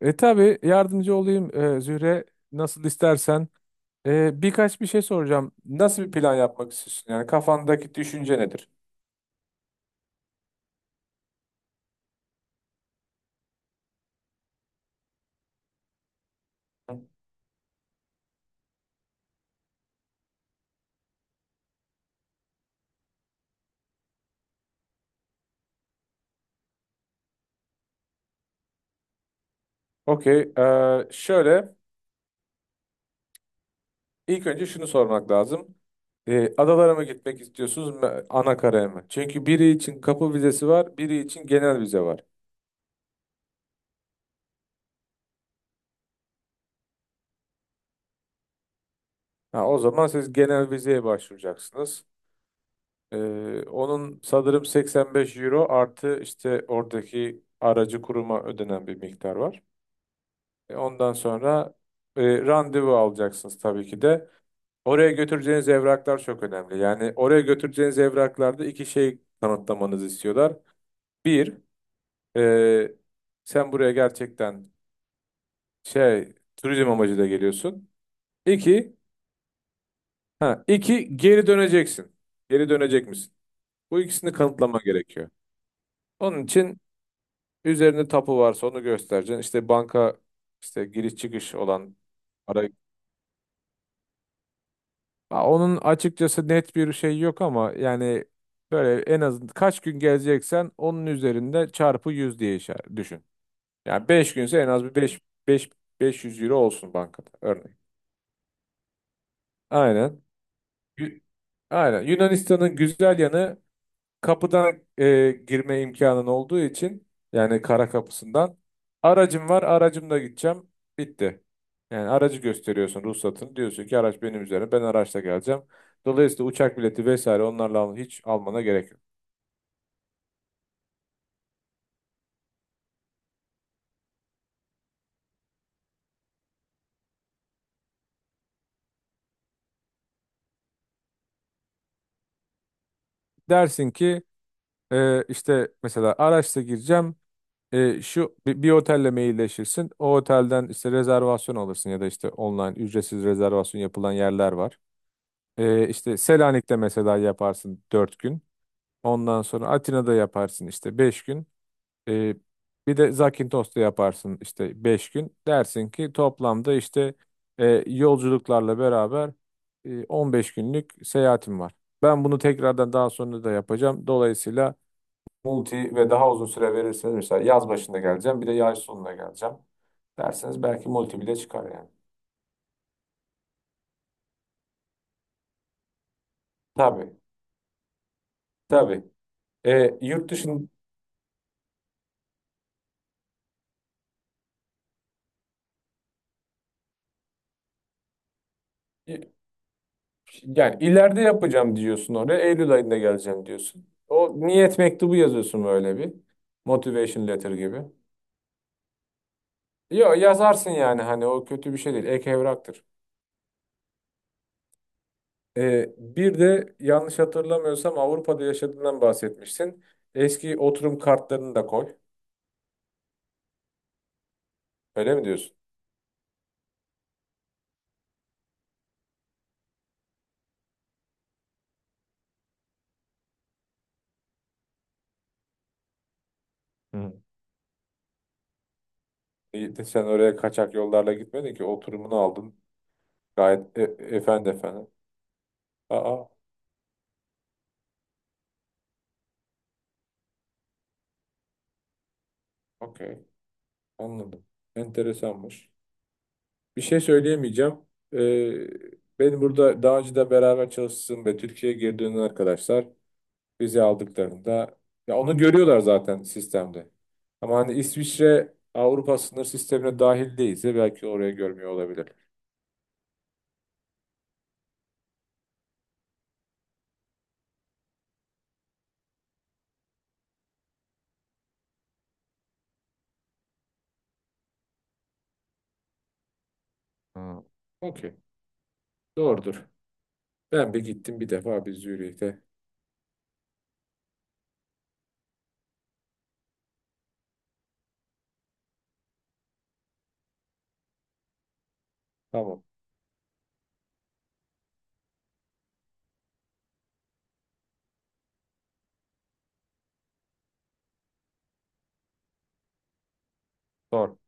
Tabii yardımcı olayım Zühre nasıl istersen. Birkaç bir şey soracağım. Nasıl bir plan yapmak istiyorsun? Yani kafandaki düşünce nedir? Okey. Şöyle ilk önce şunu sormak lazım. Adalara mı gitmek istiyorsunuz ana karaya mı? Çünkü biri için kapı vizesi var, biri için genel vize var. Ha, o zaman siz genel vizeye başvuracaksınız. E, Onun sanırım 85 euro artı işte oradaki aracı kuruma ödenen bir miktar var. Ondan sonra randevu alacaksınız tabii ki de. Oraya götüreceğiniz evraklar çok önemli. Yani oraya götüreceğiniz evraklarda iki şey kanıtlamanızı istiyorlar. Bir, e, sen buraya gerçekten şey turizm amacıyla geliyorsun. İki, ha, iki geri döneceksin. Geri dönecek misin? Bu ikisini kanıtlama gerekiyor. Onun için üzerinde tapu varsa onu göstereceksin. İşte banka işte giriş çıkış olan para. Ha, onun açıkçası net bir şey yok ama yani böyle en az kaç gün gezeceksen onun üzerinde çarpı 100 diye işaret düşün. Yani beş günse en az bir beş beş 500 euro olsun bankada örneğin. Aynen. Yü- Aynen. Yunanistan'ın güzel yanı kapıdan girme imkanın olduğu için, yani kara kapısından, aracım var aracımla gideceğim, bitti. Yani aracı gösteriyorsun, ruhsatını diyorsun ki araç benim üzerine, ben araçla geleceğim. Dolayısıyla uçak bileti vesaire onlarla hiç almana gerek yok. Dersin ki işte mesela araçla gireceğim, şu bir otelle mailleşirsin, o otelden işte rezervasyon alırsın ya da işte online ücretsiz rezervasyon yapılan yerler var. İşte Selanik'te mesela yaparsın 4 gün. Ondan sonra Atina'da yaparsın işte 5 gün. Ee, Bir de Zakintos'ta yaparsın işte 5 gün. Dersin ki toplamda işte yolculuklarla beraber 15 günlük seyahatim var. Ben bunu tekrardan daha sonra da yapacağım. Dolayısıyla multi ve daha uzun süre verirseniz, mesela yaz başında geleceğim bir de yaz sonunda geleceğim derseniz, belki multi bile çıkar yani. Tabii, tabii. Yurt dışın Yani ileride yapacağım diyorsun oraya. Eylül ayında geleceğim diyorsun. O niyet mektubu yazıyorsun böyle bir. Motivation letter gibi. Yo, yazarsın yani, hani o kötü bir şey değil. Ek evraktır. Bir de yanlış hatırlamıyorsam Avrupa'da yaşadığından bahsetmişsin. Eski oturum kartlarını da koy. Öyle mi diyorsun? Hı. İyi de sen oraya kaçak yollarla gitmedin ki, oturumunu aldın. Gayet efendi efendi. Aa, okey. Anladım. Enteresanmış. Bir şey söyleyemeyeceğim. Ee, Benim burada daha önce de beraber çalıştığım ve Türkiye'ye geri dönen arkadaşlar vize aldıklarında, ya onu görüyorlar zaten sistemde. Ama hani İsviçre Avrupa sınır sistemine dahil değilse belki oraya görmüyor olabilir. Ha, okey. Doğrudur. Ben bir gittim bir defa bir Zürih'te. Tamam. Doğru.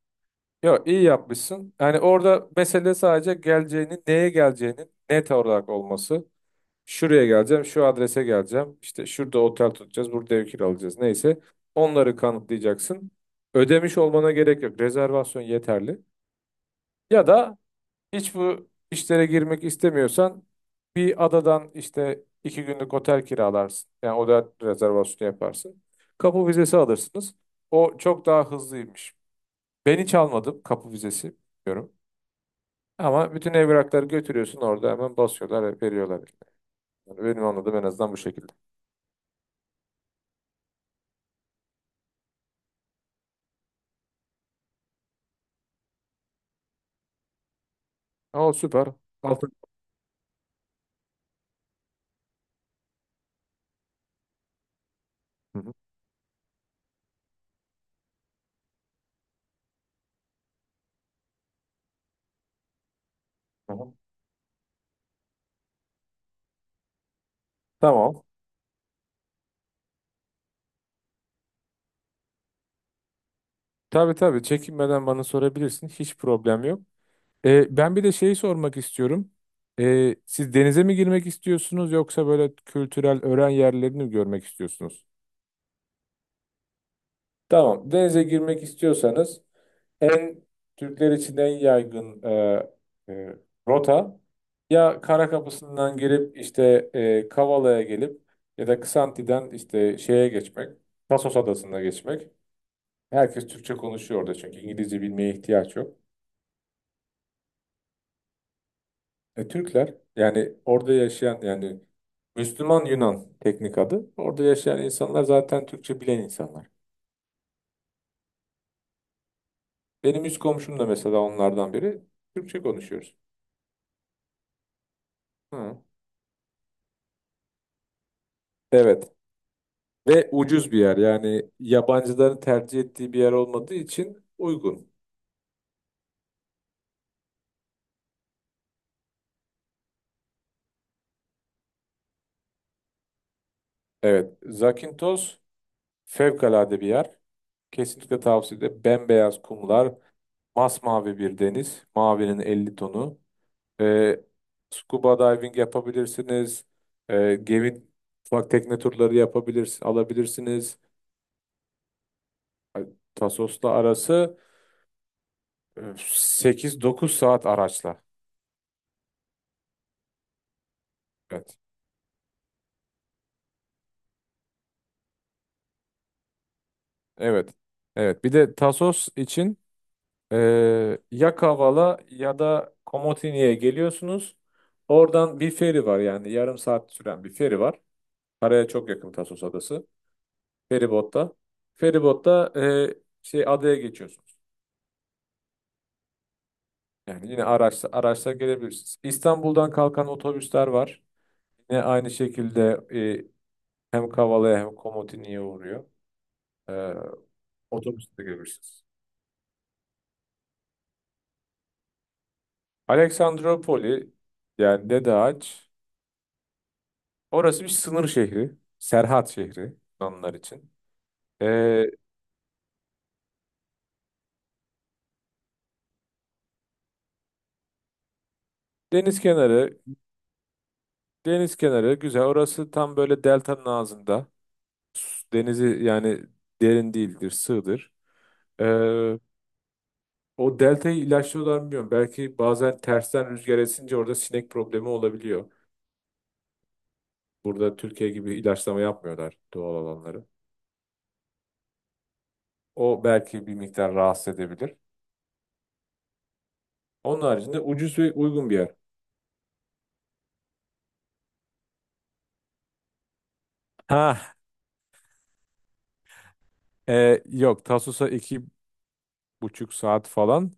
Yok, iyi yapmışsın. Yani orada mesele sadece geleceğinin, neye geleceğinin net olarak olması. Şuraya geleceğim, şu adrese geleceğim. İşte şurada otel tutacağız, burada ev kiralayacağız. Neyse. Onları kanıtlayacaksın. Ödemiş olmana gerek yok. Rezervasyon yeterli. Ya da hiç bu işlere girmek istemiyorsan bir adadan işte 2 günlük otel kiralarsın. Yani otel rezervasyonu yaparsın. Kapı vizesi alırsınız. O çok daha hızlıymış. Ben hiç almadım kapı vizesi. Bilmiyorum. Ama bütün evrakları götürüyorsun, orada hemen basıyorlar, veriyorlar. Yani benim anladığım en azından bu şekilde. O süper. Altın. Hı hı. Tamam. Tamam. Tabii, tabii, çekinmeden bana sorabilirsin. Hiç problem yok. Ben bir de şeyi sormak istiyorum. Siz denize mi girmek istiyorsunuz yoksa böyle kültürel öğren yerlerini mi görmek istiyorsunuz? Tamam. Denize girmek istiyorsanız en Türkler için en yaygın e, rota ya Kara Kapısı'ndan girip işte Kavala'ya gelip ya da Ksanti'den işte şeye geçmek, Tasos Adası'na geçmek. Herkes Türkçe konuşuyor orada, çünkü İngilizce bilmeye ihtiyaç yok. Türkler, yani orada yaşayan yani Müslüman Yunan teknik adı. Orada yaşayan insanlar zaten Türkçe bilen insanlar. Benim üst komşum da mesela onlardan biri. Türkçe konuşuyoruz. Hı. Evet. Ve ucuz bir yer. Yani yabancıların tercih ettiği bir yer olmadığı için uygun. Evet. Zakynthos fevkalade bir yer. Kesinlikle tavsiye ederim. Bembeyaz kumlar, masmavi bir deniz, mavinin 50 tonu. E, Scuba diving yapabilirsiniz. Gemi ufak tekne turları yapabilirsiniz, alabilirsiniz. Ay, Tasos'la arası 8-9 saat araçla. Evet. Evet. Evet. Bir de Tasos için e, ya Kavala ya da Komotini'ye geliyorsunuz. Oradan bir feri var, yani yarım saat süren bir feri var. Paraya çok yakın Tasos adası. Feribotta. Feribotta şey adaya geçiyorsunuz. Yani yine araçla gelebilirsiniz. İstanbul'dan kalkan otobüsler var. Yine aynı şekilde hem Kavala'ya hem Komotini'ye uğruyor. E, Otobüsle gelebilirsiniz. Aleksandropoli, yani Dedeağaç. Orası bir sınır şehri. Serhat şehri Yunanlar için. E, deniz kenarı Deniz kenarı güzel. Orası tam böyle deltanın ağzında. Denizi yani derin değildir, sığdır. E, O deltayı ilaçlıyorlar mı bilmiyorum. Belki bazen tersten rüzgar esince orada sinek problemi olabiliyor. Burada Türkiye gibi ilaçlama yapmıyorlar doğal alanları. O belki bir miktar rahatsız edebilir. Onun haricinde ucuz ve uygun bir yer. Ha, yok, Tasus'a 2,5 saat falan.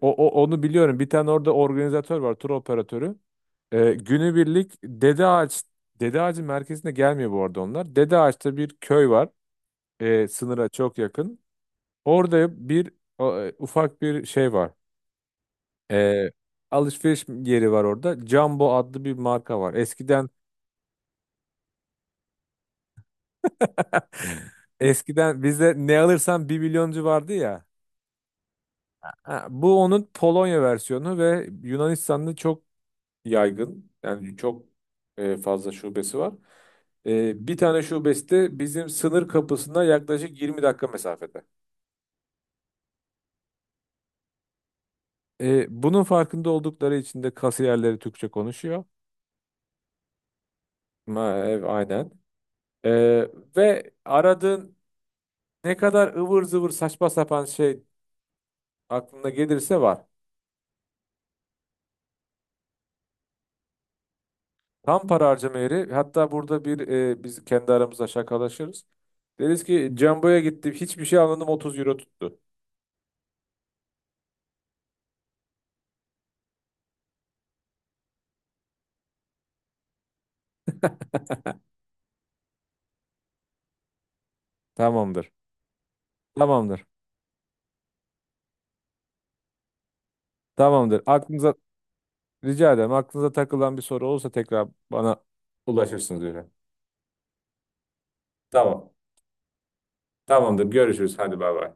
Onu biliyorum. Bir tane orada organizatör var, tur operatörü. Günübirlik Dede Ağacı merkezine gelmiyor bu arada onlar. Dede Ağaç'ta bir köy var. Sınıra çok yakın. Orada bir ufak bir şey var. Ee, Alışveriş yeri var orada. Jumbo adlı bir marka var. Eskiden eskiden bizde ne alırsan bir milyoncu vardı ya. Ha, bu onun Polonya versiyonu ve Yunanistan'da çok yaygın. Yani çok fazla şubesi var. Bir tane şubesi de bizim sınır kapısına yaklaşık 20 dakika mesafede. Bunun farkında oldukları için de kasiyerleri Türkçe konuşuyor. Aynen. Ee, Ve aradığın ne kadar ıvır zıvır saçma sapan şey aklına gelirse var. Tam para harcama yeri. Hatta burada bir biz kendi aramızda şakalaşırız. Deriz ki Jumbo'ya gittim, hiçbir şey almadım, 30 euro tuttu. Tamamdır. Tamamdır. Tamamdır. Aklınıza rica ederim. Aklınıza takılan bir soru olursa tekrar bana ulaşırsınız öyle. Tamam. Tamamdır. Görüşürüz. Hadi bay bay.